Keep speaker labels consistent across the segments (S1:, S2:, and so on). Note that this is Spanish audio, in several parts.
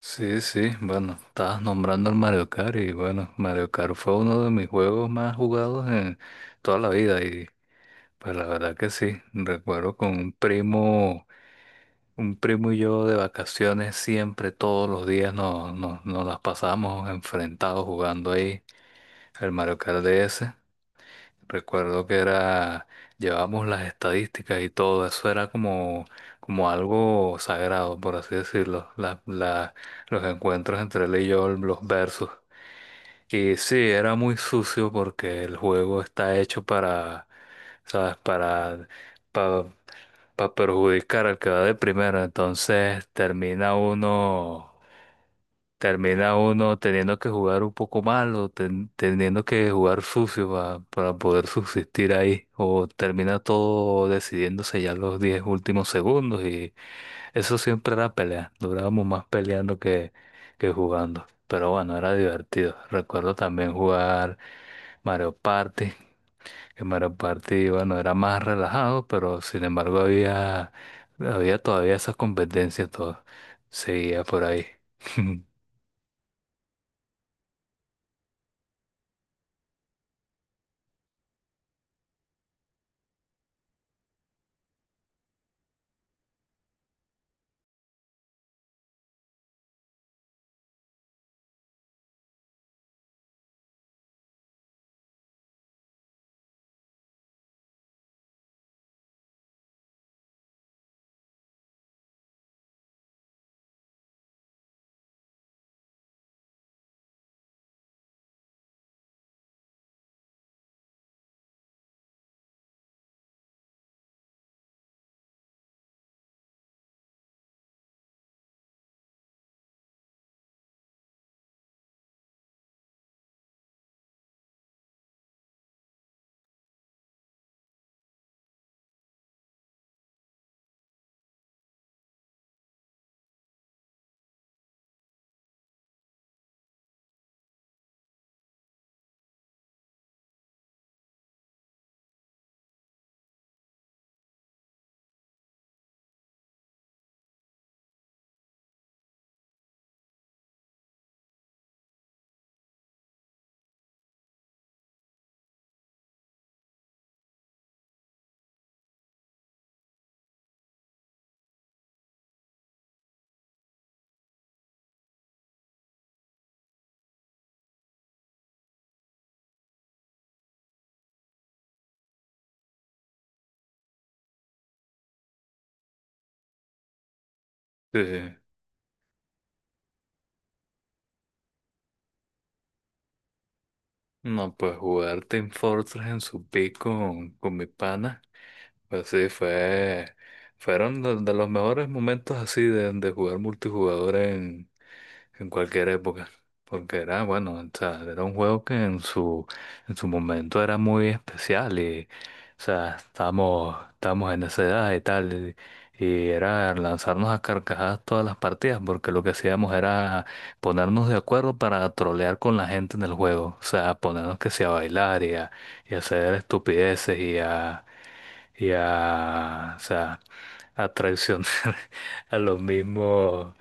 S1: Sí, sí, bueno, estabas nombrando el Mario Kart y bueno, Mario Kart fue uno de mis juegos más jugados en toda la vida y pues la verdad que sí, recuerdo con un primo y yo de vacaciones siempre, todos los días nos las pasábamos enfrentados jugando ahí el Mario Kart DS. Recuerdo que era, llevábamos las estadísticas y todo, eso era como, como algo sagrado, por así decirlo, los encuentros entre él y yo, los versos. Y sí, era muy sucio porque el juego está hecho para, ¿sabes? Para, perjudicar al que va de primero, entonces termina uno teniendo que jugar un poco mal o teniendo que jugar sucio para poder subsistir ahí, o termina todo decidiéndose ya los 10 últimos segundos y eso siempre era pelea, durábamos más peleando que jugando, pero bueno, era divertido. Recuerdo también jugar Mario Party, que Mario Party, bueno, era más relajado, pero sin embargo había todavía esas competencias, todo seguía por ahí. Sí. No, pues jugar Team Fortress en su pico con mi pana, pues sí, fueron de los mejores momentos así de jugar multijugador en cualquier época. Porque era, bueno, o sea, era un juego que en su momento era muy especial y, o sea, estábamos en esa edad y tal. Y era lanzarnos a carcajadas todas las partidas porque lo que hacíamos era ponernos de acuerdo para trolear con la gente en el juego. O sea, ponernos que sea a bailar y a hacer estupideces o sea, a traicionar. a los mismos,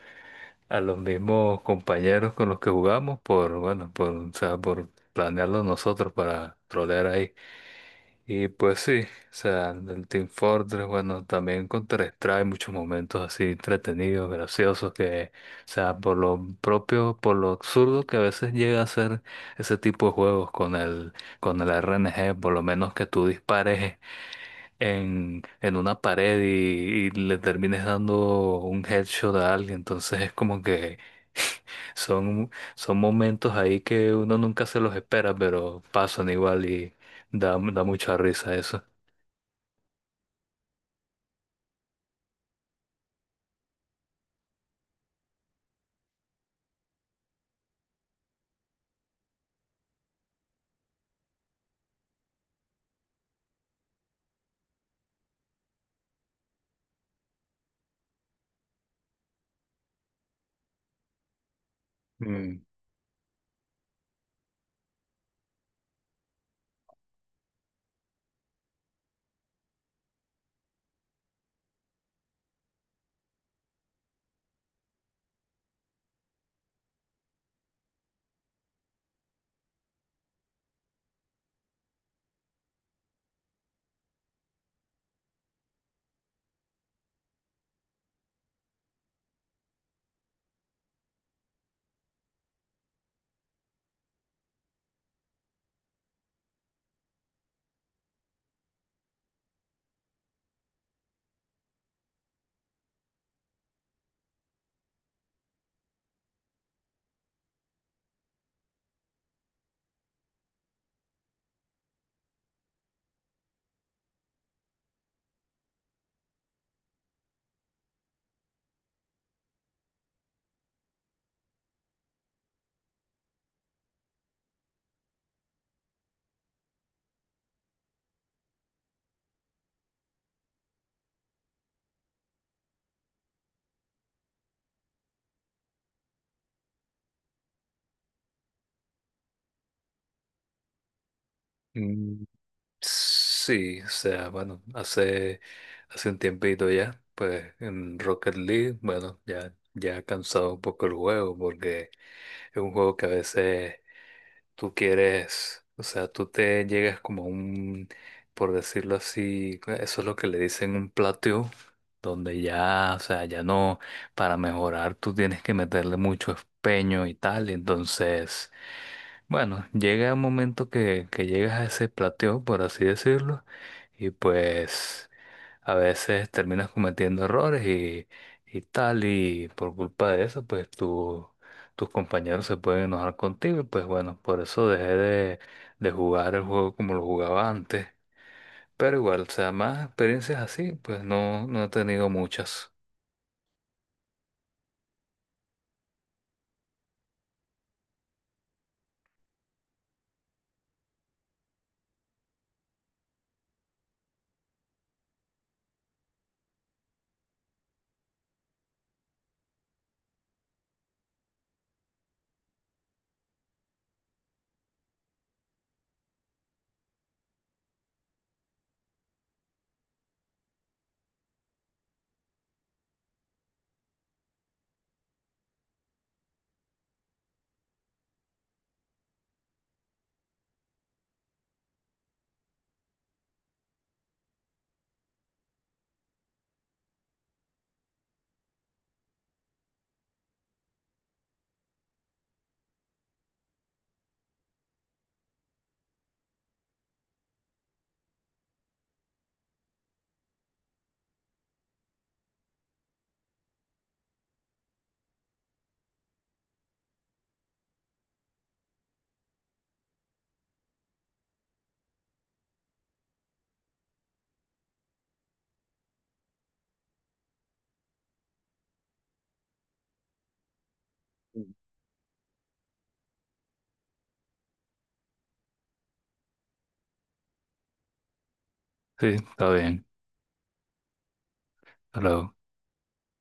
S1: a los mismos compañeros con los que jugamos por, bueno, por, o sea, por planearlo nosotros para trolear ahí. Y pues sí, o sea, el Team Fortress, bueno, también Counter-Strike, muchos momentos así entretenidos, graciosos, que, o sea, por lo propio, por lo absurdo que a veces llega a ser ese tipo de juegos con el RNG, por lo menos que tú dispares en una pared y le termines dando un headshot a alguien. Entonces es como que son momentos ahí que uno nunca se los espera, pero pasan igual y da mucha risa eso. Mm, mm, sí, o sea, bueno, hace un tiempito ya, pues en Rocket League, bueno, ya ha cansado un poco el juego porque es un juego que a veces tú quieres, o sea, tú te llegas como a un, por decirlo así, eso es lo que le dicen un plateo, donde ya, o sea, ya no, para mejorar tú tienes que meterle mucho empeño y tal, y entonces, bueno, llega un momento que llegas a ese plateo, por así decirlo, y pues a veces terminas cometiendo errores y tal, y por culpa de eso, pues tus compañeros se pueden enojar contigo, y pues bueno, por eso dejé de jugar el juego como lo jugaba antes. Pero igual, o sea, más experiencias así, pues no, no he tenido muchas. Sí, está bien. Hasta luego.